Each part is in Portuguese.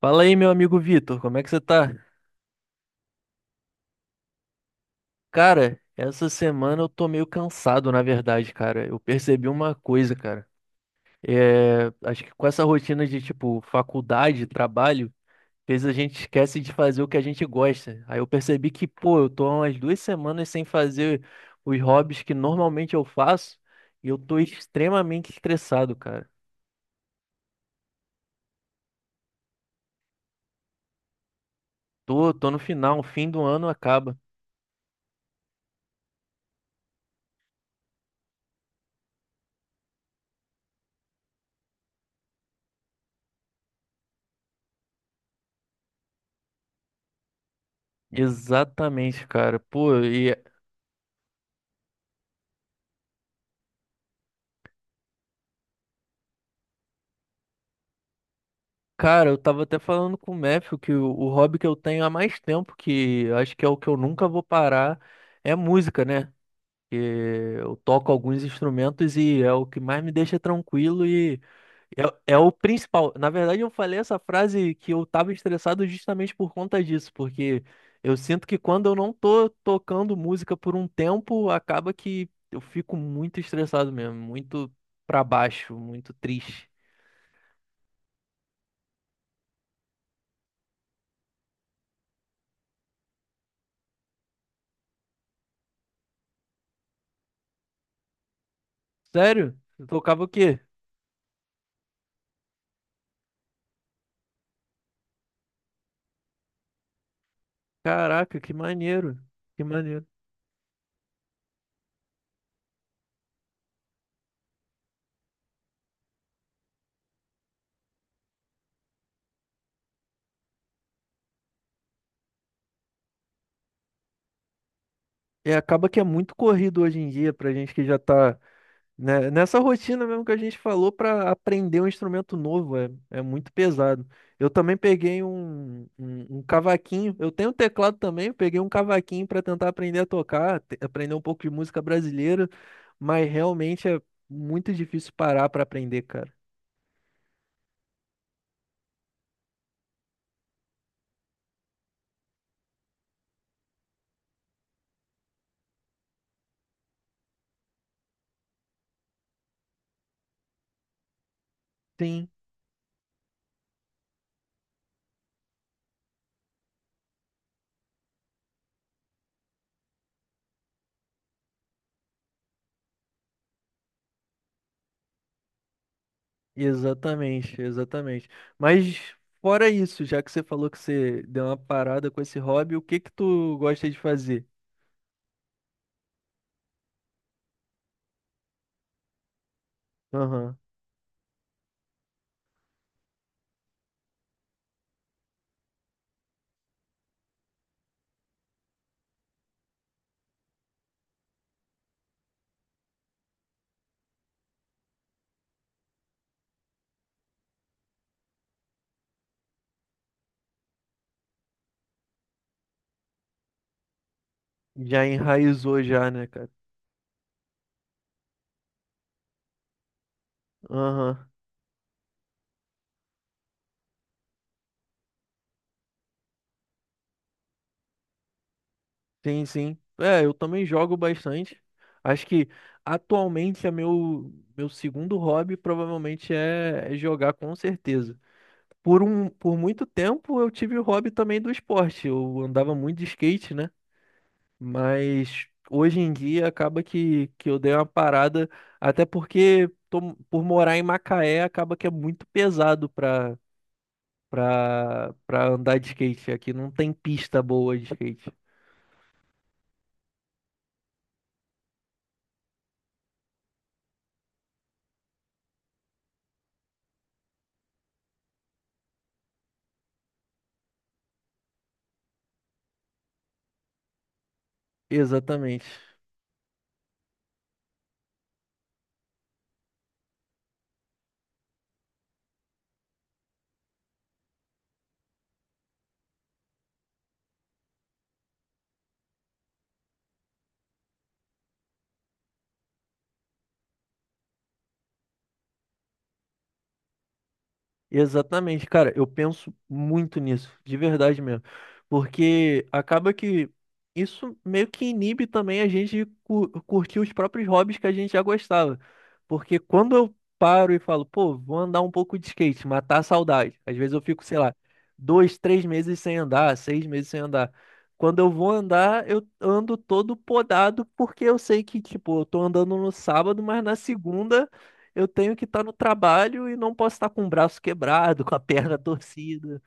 Fala aí, meu amigo Vitor, como é que você tá? Cara, essa semana eu tô meio cansado, na verdade, cara. Eu percebi uma coisa, cara. É, acho que com essa rotina de, tipo, faculdade, trabalho, fez a gente esquece de fazer o que a gente gosta. Aí eu percebi que, pô, eu tô há umas 2 semanas sem fazer os hobbies que normalmente eu faço e eu tô extremamente estressado, cara. Tô no final, fim do ano acaba. Exatamente, cara. Pô, Cara, eu tava até falando com o Matthew que o hobby que eu tenho há mais tempo, que acho que é o que eu nunca vou parar, é música, né? Que eu toco alguns instrumentos e é o que mais me deixa tranquilo e é o principal. Na verdade, eu falei essa frase que eu tava estressado justamente por conta disso, porque eu sinto que quando eu não tô tocando música por um tempo, acaba que eu fico muito estressado mesmo, muito pra baixo, muito triste. Sério? Você tocava o quê? Caraca, que maneiro, que maneiro. E acaba que é muito corrido hoje em dia pra gente que já tá, né, nessa rotina mesmo que a gente falou pra aprender um instrumento novo, é muito pesado. Eu também peguei um cavaquinho, eu tenho um teclado também, eu peguei um cavaquinho pra tentar aprender a tocar, aprender um pouco de música brasileira, mas realmente é muito difícil parar pra aprender, cara. Sim. Exatamente, exatamente. Mas fora isso, já que você falou que você deu uma parada com esse hobby, o que que tu gosta de fazer? Aham. Já enraizou já, né, cara? Aham. Sim, sim. É, eu também jogo bastante. Acho que atualmente é meu segundo hobby provavelmente é jogar com certeza. Por muito tempo eu tive o hobby também do esporte. Eu andava muito de skate, né? Mas hoje em dia acaba que eu dei uma parada, até porque por morar em Macaé acaba que é muito pesado pra andar de skate. Aqui não tem pista boa de skate. Exatamente. Exatamente, cara, eu penso muito nisso, de verdade mesmo. Porque acaba que isso meio que inibe também a gente de curtir os próprios hobbies que a gente já gostava. Porque quando eu paro e falo, pô, vou andar um pouco de skate, matar a saudade. Às vezes eu fico, sei lá, dois, três meses sem andar, 6 meses sem andar. Quando eu vou andar, eu ando todo podado, porque eu sei que, tipo, eu tô andando no sábado, mas na segunda. Eu tenho que estar no trabalho e não posso estar com o braço quebrado, com a perna torcida.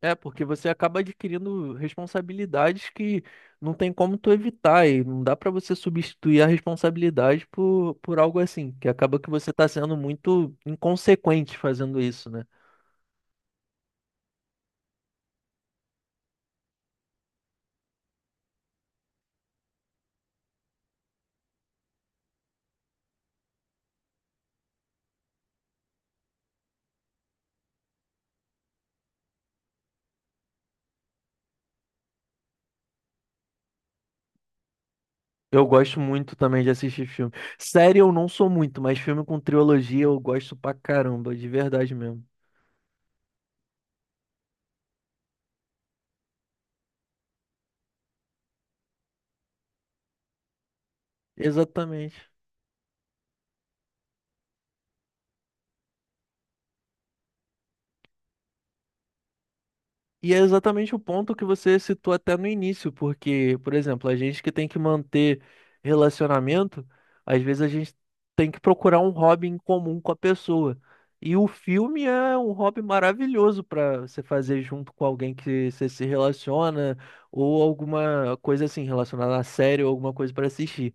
É, porque você acaba adquirindo responsabilidades que não tem como tu evitar e não dá pra você substituir a responsabilidade por algo assim, que acaba que você tá sendo muito inconsequente fazendo isso, né? Eu gosto muito também de assistir filme. Série eu não sou muito, mas filme com trilogia eu gosto pra caramba, de verdade mesmo. Exatamente. E é exatamente o ponto que você citou até no início, porque, por exemplo, a gente que tem que manter relacionamento, às vezes a gente tem que procurar um hobby em comum com a pessoa. E o filme é um hobby maravilhoso para você fazer junto com alguém que você se relaciona, ou alguma coisa assim relacionada a série, ou alguma coisa para assistir.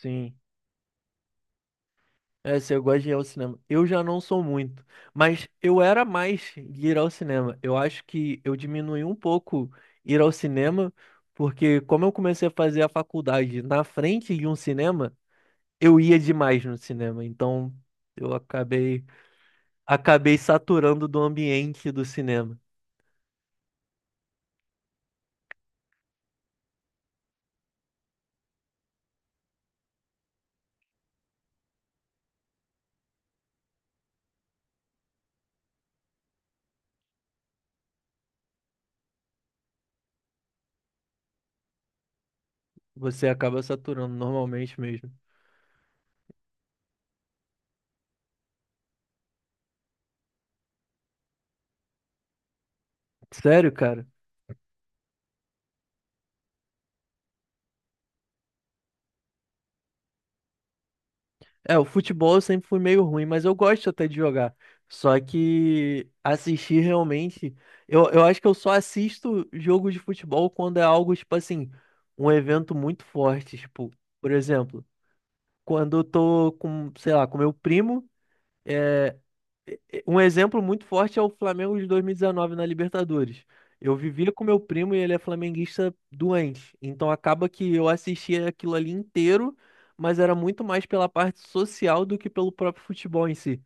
Sim. É, se eu gosto de ir ao cinema. Eu já não sou muito, mas eu era mais de ir ao cinema. Eu acho que eu diminui um pouco ir ao cinema, porque como eu comecei a fazer a faculdade na frente de um cinema, eu ia demais no cinema. Então eu acabei saturando do ambiente do cinema. Você acaba saturando normalmente mesmo. Sério, cara? É, o futebol eu sempre fui meio ruim, mas eu gosto até de jogar. Só que assistir realmente. Eu acho que eu só assisto jogo de futebol quando é algo, tipo assim, um evento muito forte. Tipo, por exemplo, quando eu tô com, sei lá, com meu primo. Um exemplo muito forte é o Flamengo de 2019 na Libertadores. Eu vivia com meu primo e ele é flamenguista doente. Então acaba que eu assistia aquilo ali inteiro, mas era muito mais pela parte social do que pelo próprio futebol em si.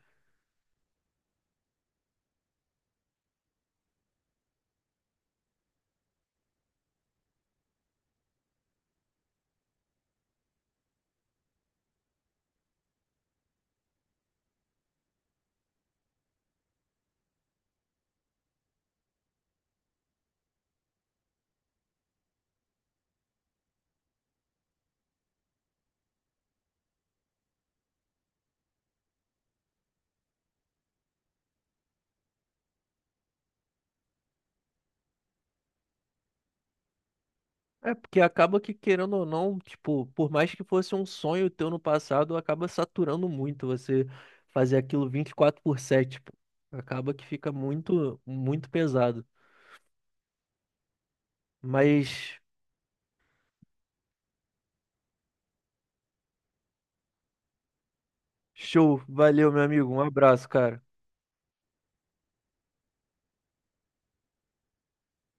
É porque acaba que, querendo ou não, tipo, por mais que fosse um sonho teu no passado, acaba saturando muito você fazer aquilo 24/7 tipo, acaba que fica muito, muito pesado. Mas show, valeu, meu amigo. Um abraço, cara.